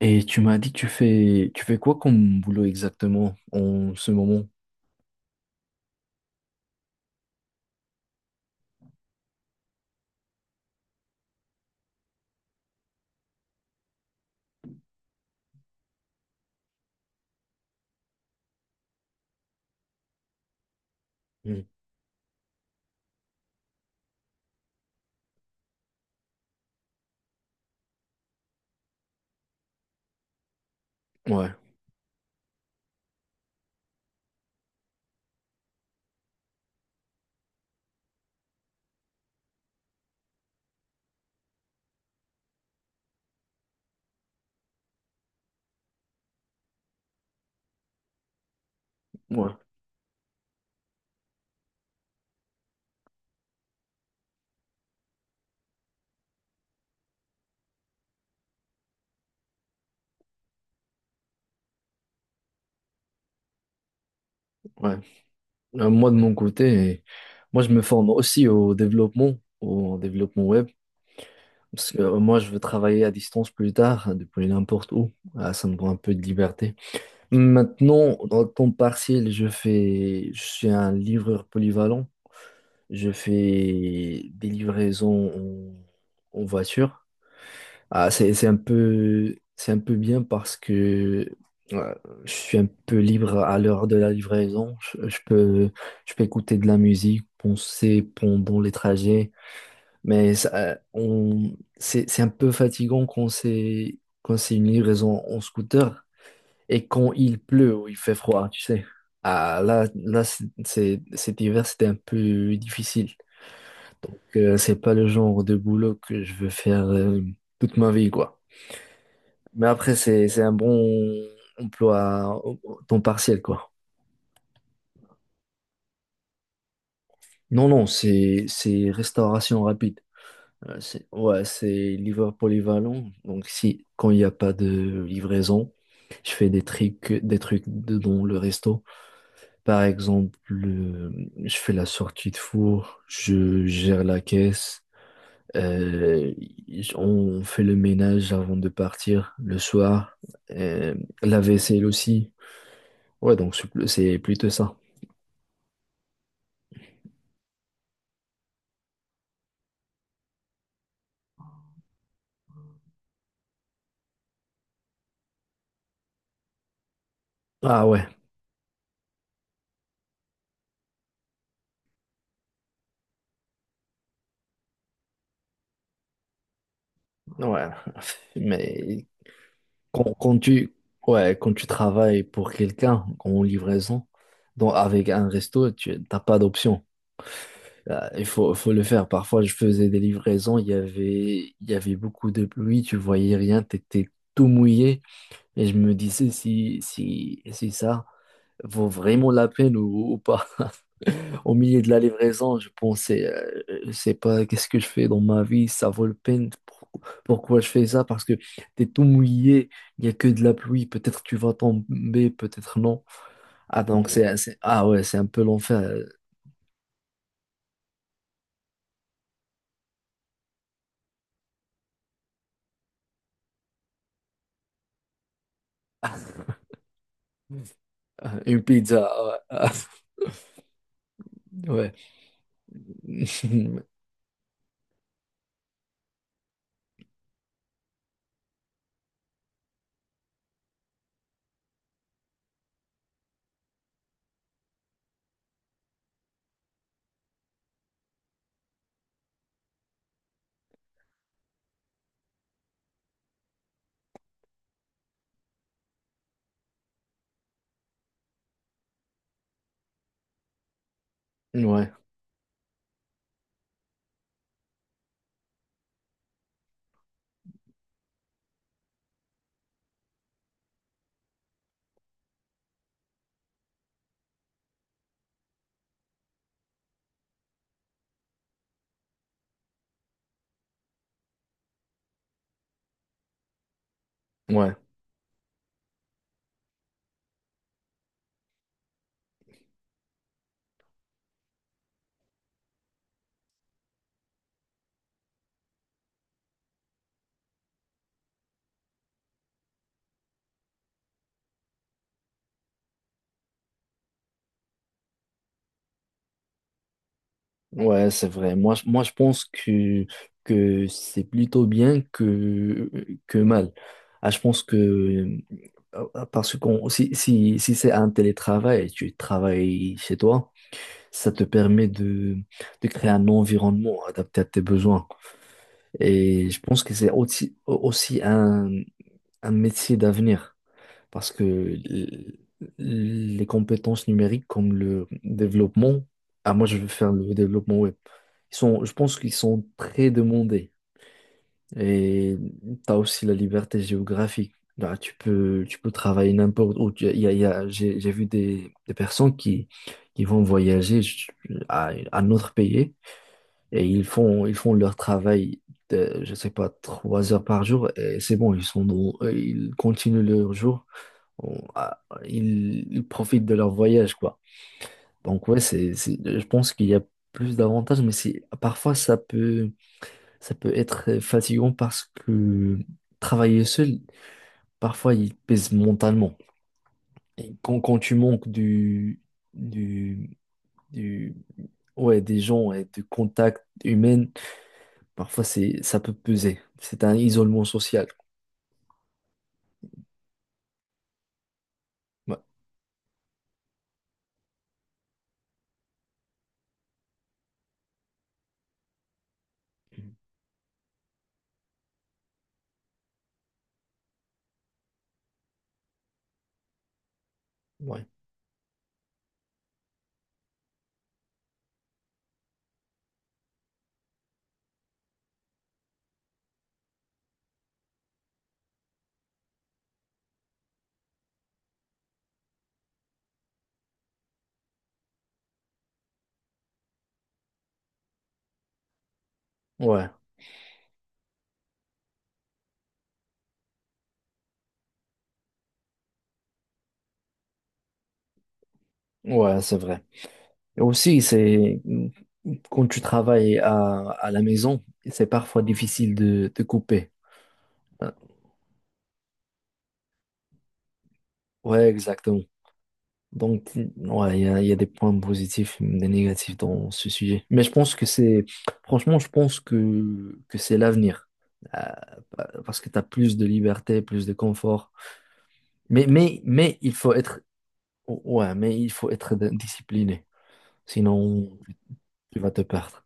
Et tu m'as dit que tu fais quoi comme boulot exactement en ce moment? Mm. Ouais, ouais, ouais. Moi de mon côté, moi je me forme aussi au développement web, parce que moi je veux travailler à distance plus tard, hein, depuis n'importe où. Ah, ça me prend un peu de liberté. Maintenant, dans le temps partiel, je suis un livreur polyvalent. Je fais des livraisons en voiture. Ah, c'est un peu bien parce que euh, je suis un peu libre à l'heure de la livraison. Je peux écouter de la musique, penser pendant les trajets. Mais c'est un peu fatigant quand c'est une livraison en scooter et quand il pleut ou il fait froid, tu sais. Cet hiver, c'était un peu difficile. Donc, c'est pas le genre de boulot que je veux faire toute ma vie, quoi. Mais après, c'est un bon emploi à temps partiel, quoi. Non, c'est restauration rapide. Ouais, c'est livreur polyvalent. Donc, si, quand il n'y a pas de livraison, je fais des trucs de dans le resto. Par exemple, je fais la sortie de four, je gère la caisse, euh, on fait le ménage avant de partir le soir, euh, la vaisselle aussi. Ouais, donc c'est plutôt ça. Ah ouais, ouais. Mais quand, quand tu, ouais, quand tu travailles pour quelqu'un en livraison, donc avec un resto, tu n'as pas d'option. Il faut le faire. Parfois, je faisais des livraisons, il y avait beaucoup de pluie, tu voyais rien, tu étais tout mouillé. Et je me disais si ça vaut vraiment la peine ou pas. Au milieu de la livraison, je pensais, je sais pas, qu'est-ce que je fais dans ma vie, ça vaut le peine. Pourquoi je fais ça? Parce que t'es tout mouillé, il n'y a que de la pluie, peut-être tu vas tomber, peut-être non. Ah ouais, c'est un peu l'enfer. Une pizza, ouais. ouais. Ouais, ouais. Ouais, c'est vrai. Moi, je pense que c'est plutôt bien que mal. Ah, je pense que, parce qu'on si c'est un télétravail, tu travailles chez toi, ça te permet de créer un environnement adapté à tes besoins. Et je pense que c'est aussi un métier d'avenir. Parce que les compétences numériques comme le développement, ah moi je veux faire le développement web, je pense qu'ils sont très demandés. Et tu as aussi la liberté géographique. Là, tu peux travailler n'importe où. Tu- il y a- j'ai vu des personnes qui vont voyager à un autre pays et ils font leur travail. De, je sais pas, 3 heures par jour, et c'est bon, ils sont dans- ils continuent leur jour on- ah, ils profitent de leur voyage, quoi. Donc ouais, je pense qu'il y a plus d'avantages, mais c'est, parfois ça peut être fatigant parce que travailler seul, parfois il pèse mentalement. Et quand tu manques du, du, ouais, des gens et de contact humain, parfois ça peut peser. C'est un isolement social. Ouais, ouais, ouais, ouais, c'est vrai. Et aussi, c'est quand tu travailles à la maison, c'est parfois difficile de couper. Ouais, exactement. Donc, ouais, il y a des points positifs, des négatifs dans ce sujet. Mais je pense que c'est, franchement, je pense que c'est l'avenir. Euh, Parce que tu as plus de liberté, plus de confort. Mais il faut être, ouais, mais il faut être discipliné. Sinon, tu vas te perdre.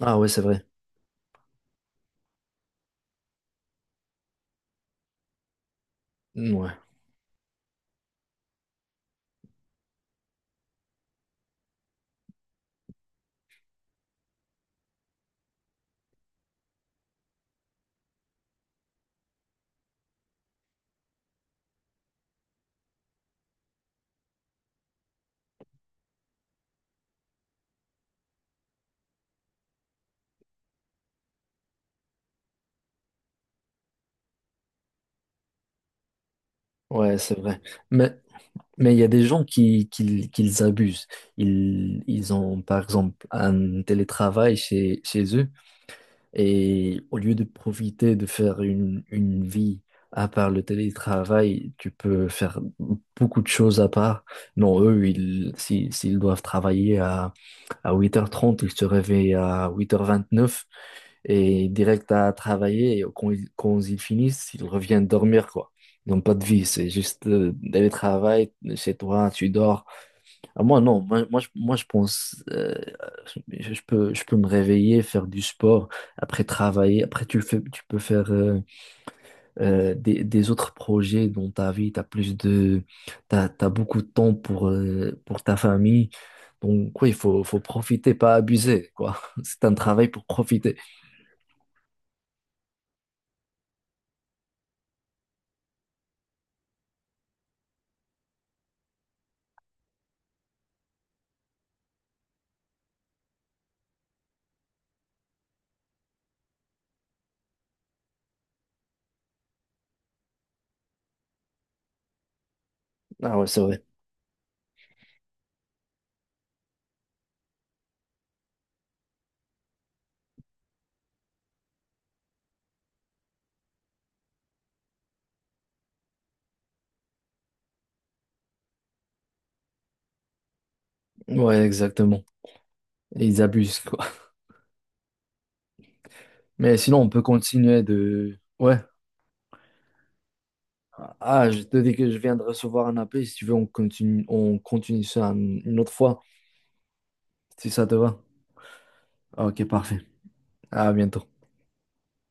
Ah ouais, c'est vrai. Ouais, ouais, c'est vrai. Mais, Mais il y a des gens qui les abusent. Ils ont, par exemple, un télétravail chez eux et au lieu de profiter de faire une vie à part le télétravail, tu peux faire beaucoup de choses à part. Non, eux, ils, si- s'ils doivent travailler à 8h30, ils se réveillent à 8h29 et direct à travailler. Et quand ils finissent, ils reviennent dormir, quoi. Ils n'ont pas de vie, c'est juste d'aller travailler chez toi, tu dors. Ah, moi, non, moi, moi, je pense, je peux me réveiller, faire du sport, après travailler. Après, tu peux faire des autres projets dans ta vie. Tu as plus t'as beaucoup de temps pour ta famille. Donc, quoi, il faut profiter, pas abuser, quoi. C'est un travail pour profiter. Ah ouais, c'est vrai. Ouais, exactement. Et ils abusent, quoi. Mais sinon, on peut continuer de... Ouais. Ah, je te dis que je viens de recevoir un appel. Si tu veux, on continue ça une autre fois, si ça te va. Ah, ok, parfait. À bientôt.